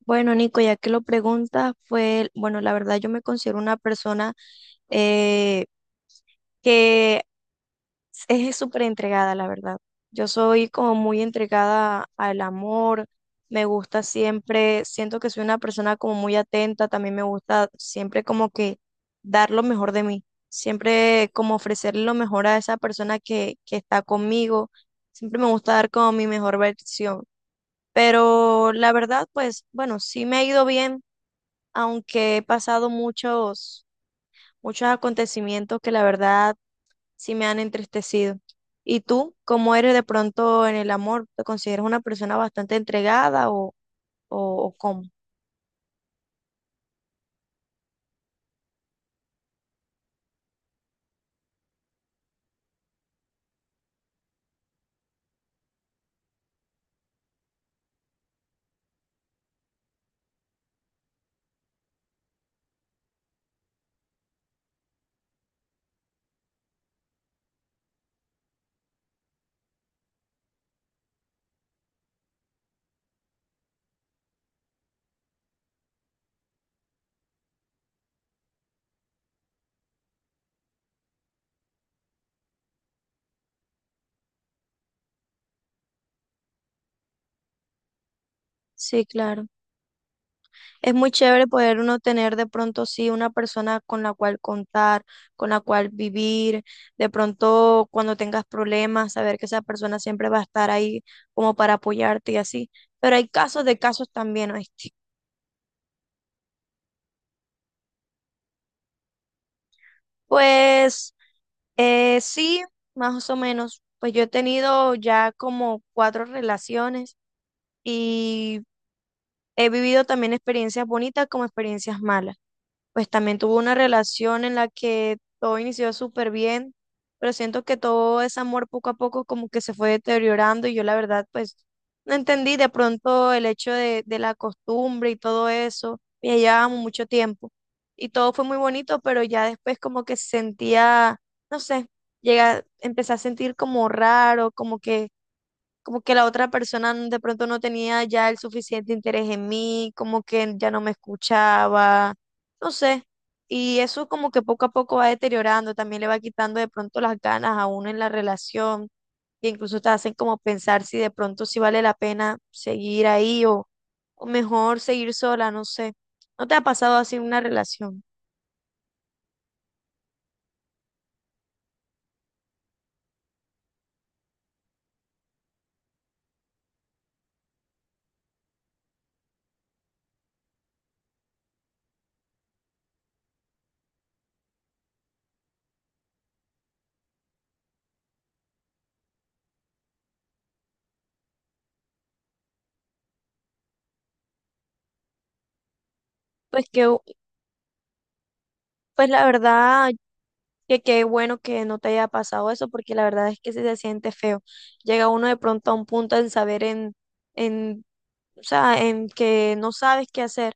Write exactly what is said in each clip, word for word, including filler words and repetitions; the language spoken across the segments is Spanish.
Bueno, Nico, ya que lo preguntas, fue, bueno, la verdad yo me considero una persona eh, que es súper entregada, la verdad. Yo soy como muy entregada al amor, me gusta siempre, siento que soy una persona como muy atenta, también me gusta siempre como que dar lo mejor de mí, siempre como ofrecerle lo mejor a esa persona que, que está conmigo, siempre me gusta dar como mi mejor versión. Pero la verdad, pues bueno, sí me ha ido bien aunque he pasado muchos, muchos acontecimientos que la verdad sí me han entristecido. ¿Y tú, cómo eres de pronto en el amor? ¿Te consideras una persona bastante entregada o, o, o cómo? Sí, claro. Es muy chévere poder uno tener de pronto sí una persona con la cual contar, con la cual vivir, de pronto cuando tengas problemas, saber que esa persona siempre va a estar ahí como para apoyarte y así. Pero hay casos de casos también, ¿oíste? Pues Eh, sí, más o menos. Pues yo he tenido ya como cuatro relaciones y he vivido también experiencias bonitas como experiencias malas, pues también tuvo una relación en la que todo inició súper bien, pero siento que todo ese amor poco a poco como que se fue deteriorando y yo la verdad pues no entendí de pronto el hecho de, de la costumbre y todo eso, y ya llevábamos mucho tiempo y todo fue muy bonito, pero ya después como que sentía, no sé, llega, empecé a sentir como raro, como que como que la otra persona de pronto no tenía ya el suficiente interés en mí, como que ya no me escuchaba, no sé. Y eso como que poco a poco va deteriorando, también le va quitando de pronto las ganas a uno en la relación, e incluso te hacen como pensar si de pronto si vale la pena seguir ahí o, o mejor seguir sola, no sé. ¿No te ha pasado así una relación? Pues que, u- pues la verdad, que qué bueno que no te haya pasado eso, porque la verdad es que sí se siente feo. Llega uno de pronto a un punto en saber en, en, o sea, en que no sabes qué hacer.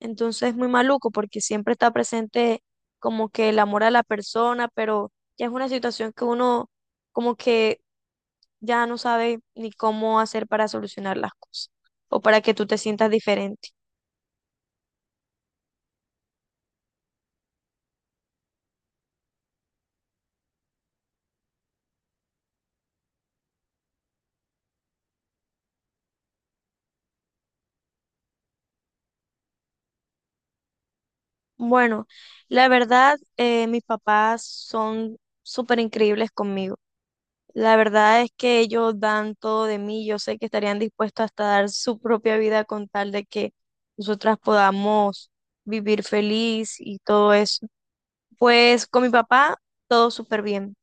Entonces es muy maluco, porque siempre está presente como que el amor a la persona, pero ya es una situación que uno como que ya no sabe ni cómo hacer para solucionar las cosas o para que tú te sientas diferente. Bueno, la verdad, eh, mis papás son súper increíbles conmigo. La verdad es que ellos dan todo de mí. Yo sé que estarían dispuestos hasta dar su propia vida con tal de que nosotras podamos vivir feliz y todo eso. Pues con mi papá todo súper bien,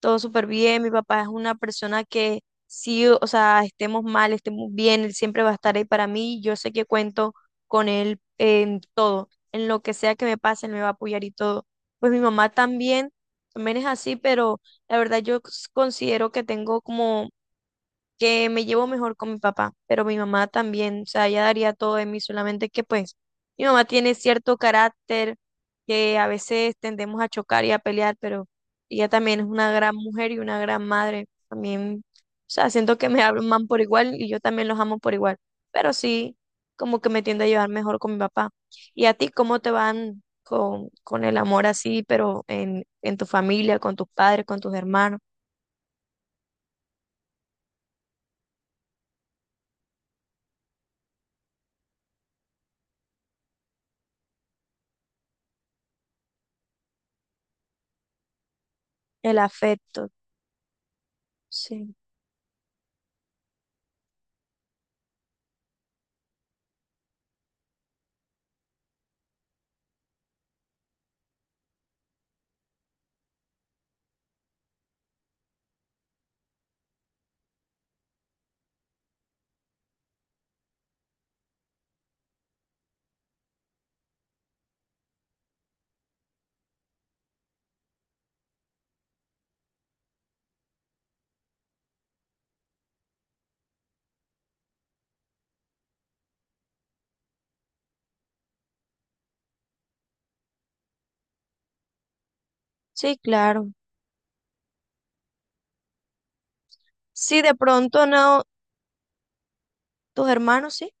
todo súper bien. Mi papá es una persona que sí, o sea, estemos mal, estemos bien, él siempre va a estar ahí para mí. Yo sé que cuento con él en todo, en lo que sea que me pase, él me va a apoyar y todo. Pues mi mamá también, también es así, pero la verdad yo s- considero que tengo como que me llevo mejor con mi papá, pero mi mamá también, o sea, ella daría todo de mí, solamente que pues mi mamá tiene cierto carácter que a veces tendemos a chocar y a pelear, pero ella también es una gran mujer y una gran madre, también, o sea, siento que me aman por igual y yo también los amo por igual, pero sí, como que me tiendo a llevar mejor con mi papá. ¿Y a ti cómo te van con, con el amor así, pero en, en tu familia, con tus padres, con tus hermanos, el afecto? Sí, sí, claro. Sí, de pronto no, tus hermanos, sí.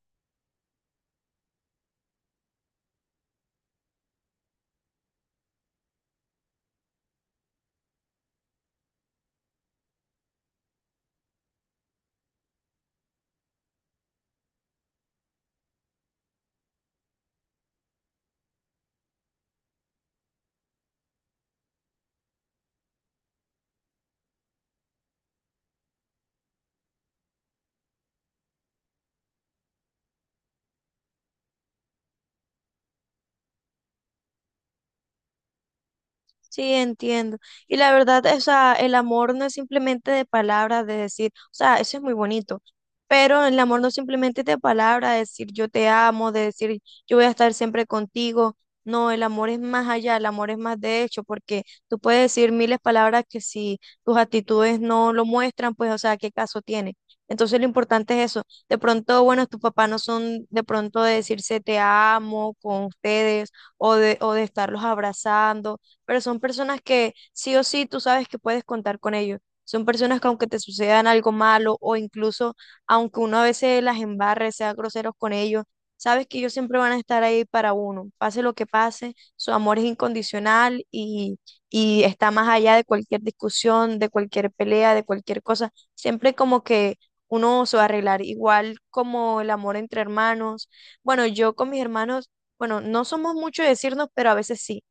Sí, entiendo. Y la verdad, o sea, el amor no es simplemente de palabras, de decir, o sea, eso es muy bonito, pero el amor no simplemente es de palabras, de decir yo te amo, de decir yo voy a estar siempre contigo. No, el amor es más allá, el amor es más de hecho, porque tú puedes decir miles de palabras que si tus actitudes no lo muestran, pues, o sea, ¿qué caso tiene? Entonces lo importante es eso. De pronto, bueno, tus papás no son de pronto de decirse te amo con ustedes o de, o de estarlos abrazando, pero son personas que sí o sí tú sabes que puedes contar con ellos. Son personas que aunque te sucedan algo malo o incluso aunque uno a veces las embarre, sea groseros con ellos, sabes que ellos siempre van a estar ahí para uno. Pase lo que pase, su amor es incondicional y, y está más allá de cualquier discusión, de cualquier pelea, de cualquier cosa. Siempre como que uno se va a arreglar, igual como el amor entre hermanos. Bueno, yo con mis hermanos, bueno, no somos mucho de decirnos, pero a veces sí.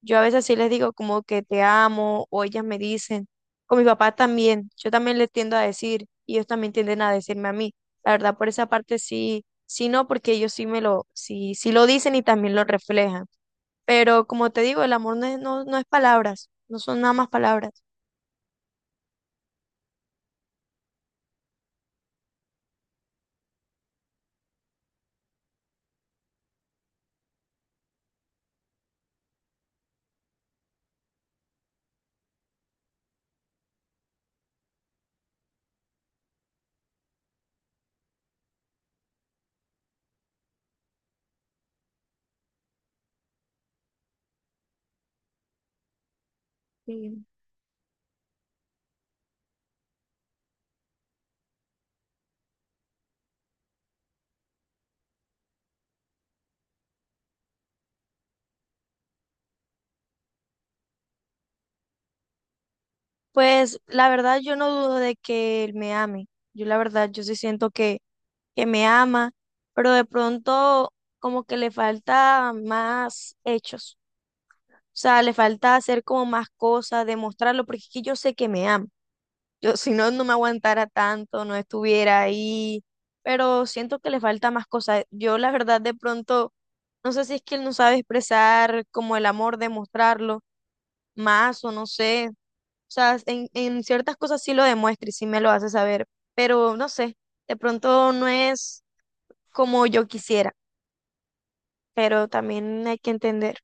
Yo a veces sí les digo como que te amo o ellas me dicen, con mi papá también, yo también les tiendo a decir y ellos también tienden a decirme a mí. La verdad, por esa parte sí, sí no, porque ellos sí me lo, sí, sí lo dicen y también lo reflejan. Pero como te digo, el amor no es, no, no es palabras, no son nada más palabras. Sí. Pues la verdad yo no dudo de que él me ame. Yo la verdad yo sí siento que, que me ama, pero de pronto como que le falta más hechos. O sea, le falta hacer como más cosas, demostrarlo, porque es que yo sé que me ama. Yo, si no, no me aguantara tanto, no estuviera ahí, pero siento que le falta más cosas. Yo, la verdad, de pronto, no sé si es que él no sabe expresar como el amor, demostrarlo más o no sé. O sea, en, en ciertas cosas sí lo demuestra y sí me lo hace saber, pero no sé, de pronto no es como yo quisiera, pero también hay que entender.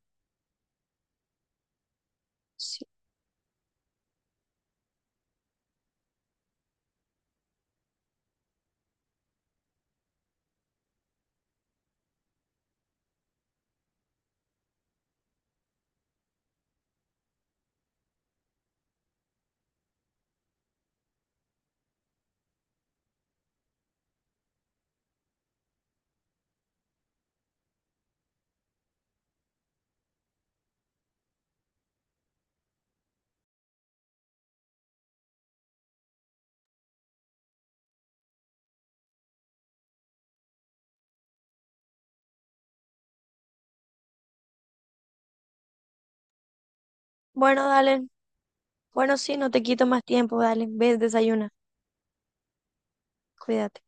Sí. Bueno, dale. Bueno, sí, no te quito más tiempo, dale, ves, desayuna, cuídate.